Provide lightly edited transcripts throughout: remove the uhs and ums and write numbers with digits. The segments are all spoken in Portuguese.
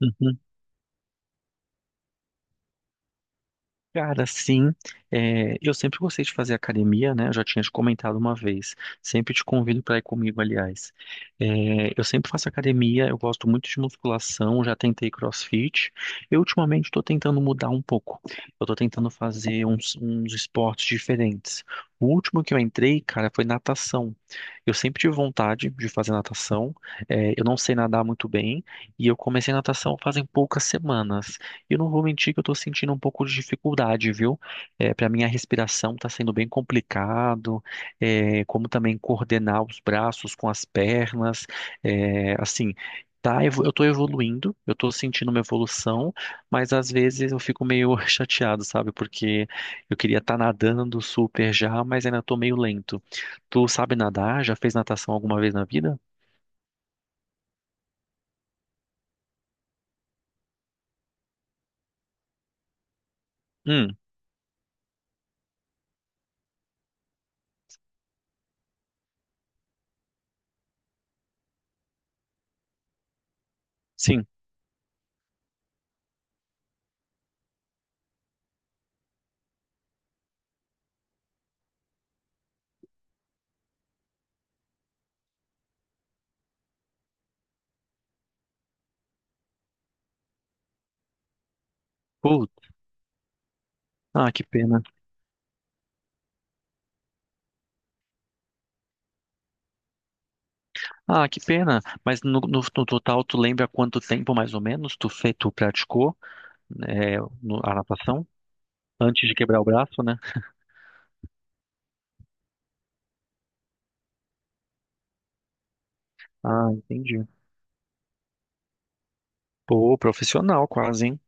Uhum. Cara, sim, eu sempre gostei de fazer academia, né? Eu já tinha te comentado uma vez. Sempre te convido para ir comigo, aliás. É, eu sempre faço academia, eu gosto muito de musculação, já tentei CrossFit. Eu ultimamente estou tentando mudar um pouco. Eu estou tentando fazer uns esportes diferentes. O último que eu entrei, cara, foi natação. Eu sempre tive vontade de fazer natação. Eu não sei nadar muito bem e eu comecei natação fazem poucas semanas. E não vou mentir que eu tô sentindo um pouco de dificuldade, viu? É, para mim a respiração tá sendo bem complicado, como também coordenar os braços com as pernas, é, assim, tá, eu tô evoluindo, eu tô sentindo uma evolução, mas às vezes eu fico meio chateado, sabe? Porque eu queria estar nadando super já, mas ainda tô meio lento. Tu sabe nadar? Já fez natação alguma vez na vida? Hum, sim. Putz, ah, que pena. Ah, que pena. Mas no total, tu lembra quanto tempo mais ou menos tu, tu praticou a natação? Antes de quebrar o braço, né? Ah, entendi. Pô, profissional quase, hein?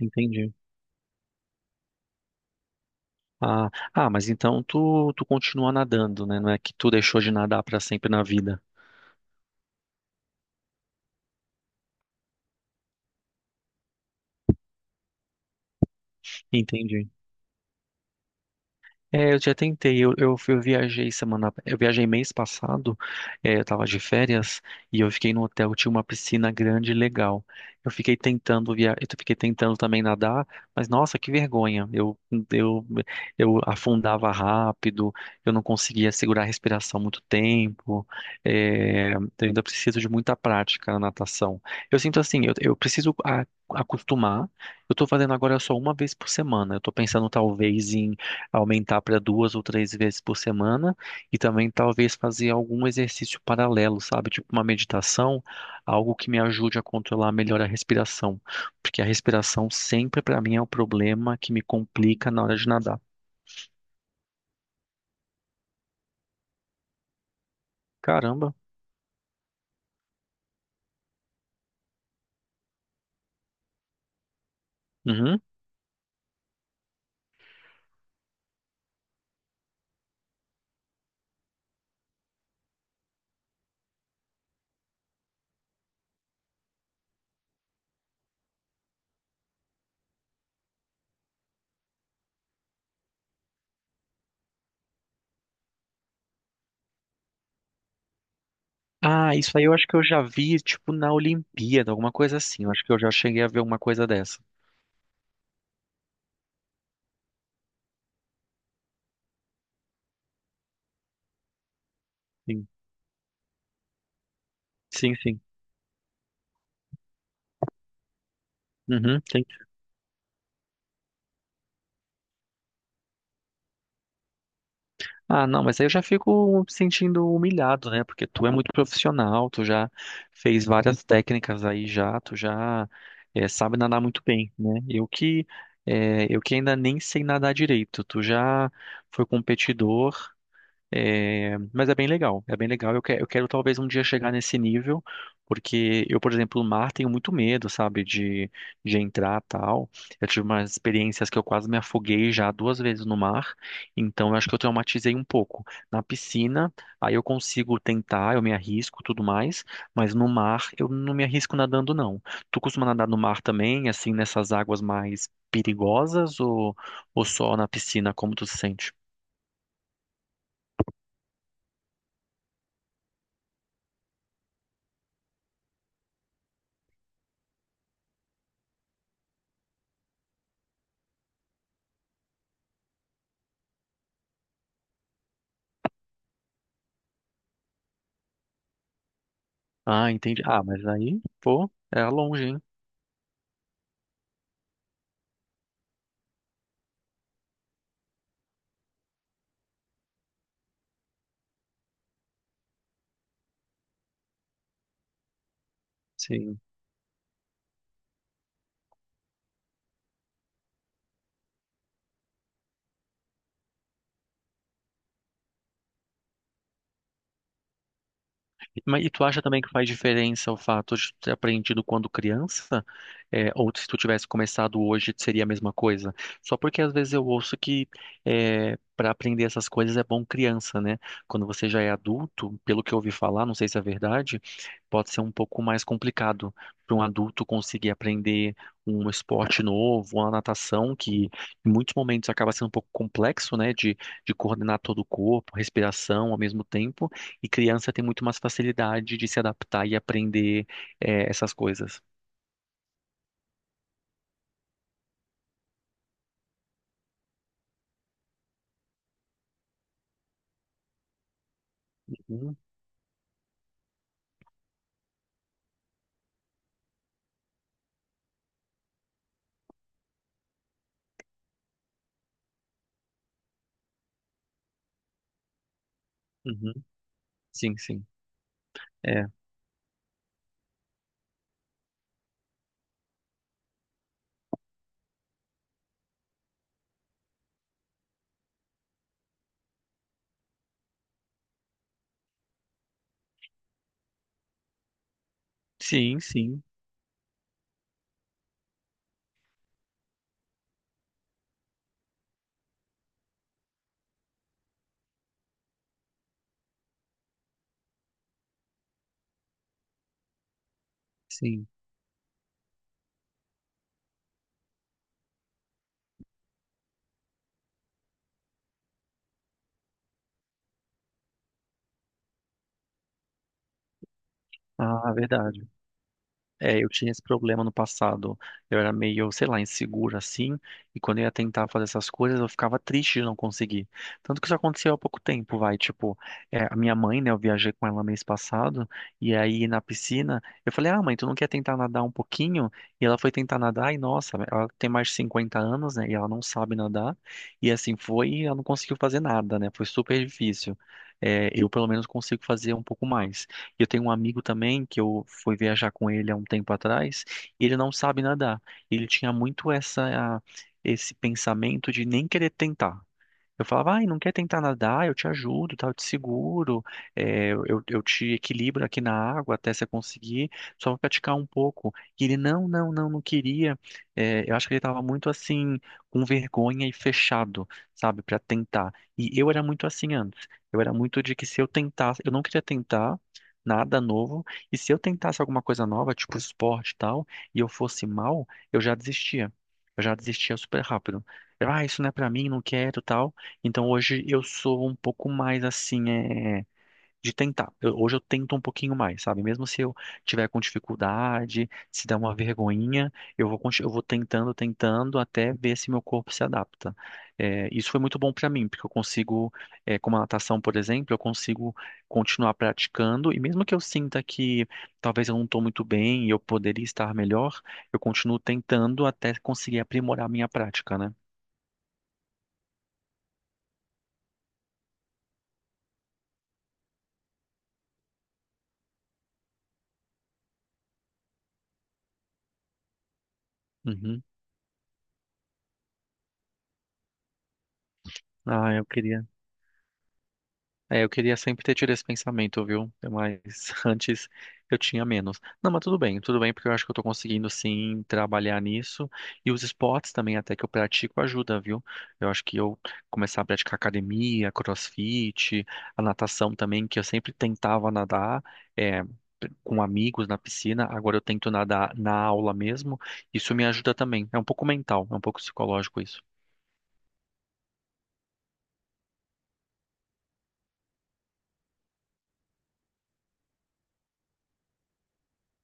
Entendi. Ah, ah, mas então tu, tu continua nadando, né? Não é que tu deixou de nadar pra sempre na vida. Entendi. É, eu já tentei, eu viajei semana, eu viajei mês passado, eu tava de férias e eu fiquei no hotel, tinha uma piscina grande e legal. Eu fiquei tentando também nadar, mas nossa, que vergonha. Eu, eu afundava rápido, eu não conseguia segurar a respiração muito tempo. Eu ainda preciso de muita prática na natação. Eu sinto assim, eu preciso acostumar. Eu tô fazendo agora só uma vez por semana. Eu tô pensando talvez aumentar para duas ou três vezes por semana e também talvez fazer algum exercício paralelo, sabe? Tipo uma meditação, algo que me ajude a controlar melhor a respiração, porque a respiração sempre para mim é o problema que me complica na hora de nadar. Caramba. Uhum. Ah, isso aí eu acho que eu já vi, tipo, na Olimpíada, alguma coisa assim. Eu acho que eu já cheguei a ver uma coisa dessa. Sim, sim, sim. Uhum. Ah, não, mas aí eu já fico sentindo humilhado, né? Porque tu é muito profissional, tu já fez várias técnicas aí já, tu já sabe nadar muito bem, né? Eu que eu que ainda nem sei nadar direito, tu já foi competidor, é, mas é bem legal, é bem legal. Eu quero talvez um dia chegar nesse nível, porque eu, por exemplo, no mar tenho muito medo, sabe, de entrar tal. Eu tive umas experiências que eu quase me afoguei já duas vezes no mar, então eu acho que eu traumatizei um pouco. Na piscina, aí eu consigo tentar, eu me arrisco, tudo mais, mas no mar eu não me arrisco nadando, não. Tu costuma nadar no mar também, assim, nessas águas mais perigosas ou só na piscina, como tu se sente? Ah, entendi. Ah, mas aí, pô, era longe, hein? Sim. Mas, e tu acha também que faz diferença o fato de tu ter aprendido quando criança? É, ou se tu tivesse começado hoje, seria a mesma coisa? Só porque às vezes eu ouço que para aprender essas coisas é bom criança, né? Quando você já é adulto, pelo que eu ouvi falar, não sei se é verdade, pode ser um pouco mais complicado para um adulto conseguir aprender um esporte novo, uma natação, que em muitos momentos acaba sendo um pouco complexo, né? De coordenar todo o corpo, respiração ao mesmo tempo. E criança tem muito mais facilidade de se adaptar e aprender essas coisas. Uhum, uhum. Sim, sim. É. Sim, sim, sim. Ah, verdade. É, eu tinha esse problema no passado. Eu era meio, sei lá, inseguro assim, e quando eu ia tentar fazer essas coisas, eu ficava triste de não conseguir. Tanto que isso aconteceu há pouco tempo, vai, tipo, é, a minha mãe, né, eu viajei com ela mês passado, e aí na piscina, eu falei: "Ah, mãe, tu não quer tentar nadar um pouquinho?" E ela foi tentar nadar, e nossa, ela tem mais de 50 anos, né, e ela não sabe nadar. E assim foi, e ela não conseguiu fazer nada, né? Foi super difícil. É, eu pelo menos consigo fazer um pouco mais. E eu tenho um amigo também que eu fui viajar com ele há um tempo atrás, e ele não sabe nadar. Ele tinha muito essa esse pensamento de nem querer tentar. Eu falava, ai, não quer tentar nadar? Eu te ajudo, tá? Eu te seguro, eu te equilibro aqui na água até você conseguir, só vou praticar um pouco. E ele, não, não, não, não queria. É, eu acho que ele estava muito assim, com vergonha e fechado, sabe, para tentar. E eu era muito assim antes. Eu era muito de que se eu tentasse, eu não queria tentar nada novo, e se eu tentasse alguma coisa nova, tipo esporte e tal, e eu fosse mal, eu já desistia. Eu já desistia super rápido. Eu, ah, isso não é pra mim, não quero, tal. Então hoje eu sou um pouco mais assim, de tentar. Hoje eu tento um pouquinho mais, sabe? Mesmo se eu tiver com dificuldade, se der uma vergonhinha, eu vou tentando, tentando até ver se meu corpo se adapta. É, isso foi muito bom para mim, porque eu consigo, é, como a natação, por exemplo, eu consigo continuar praticando e mesmo que eu sinta que talvez eu não estou muito bem e eu poderia estar melhor, eu continuo tentando até conseguir aprimorar a minha prática, né? Uhum. Ah, eu queria. É, eu queria sempre ter tido esse pensamento, viu? Mas antes eu tinha menos. Não, mas tudo bem, porque eu acho que eu tô conseguindo sim trabalhar nisso. E os esportes também, até que eu pratico, ajuda, viu? Eu acho que eu começar a praticar academia, crossfit, a natação também, que eu sempre tentava nadar, é, com amigos na piscina, agora eu tento nadar na aula mesmo. Isso me ajuda também. É um pouco mental, é um pouco psicológico isso.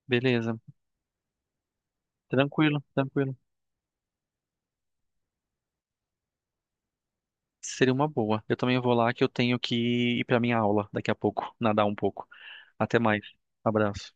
Beleza, tranquilo, tranquilo. Seria uma boa. Eu também vou lá que eu tenho que ir para minha aula daqui a pouco, nadar um pouco. Até mais. Abraço.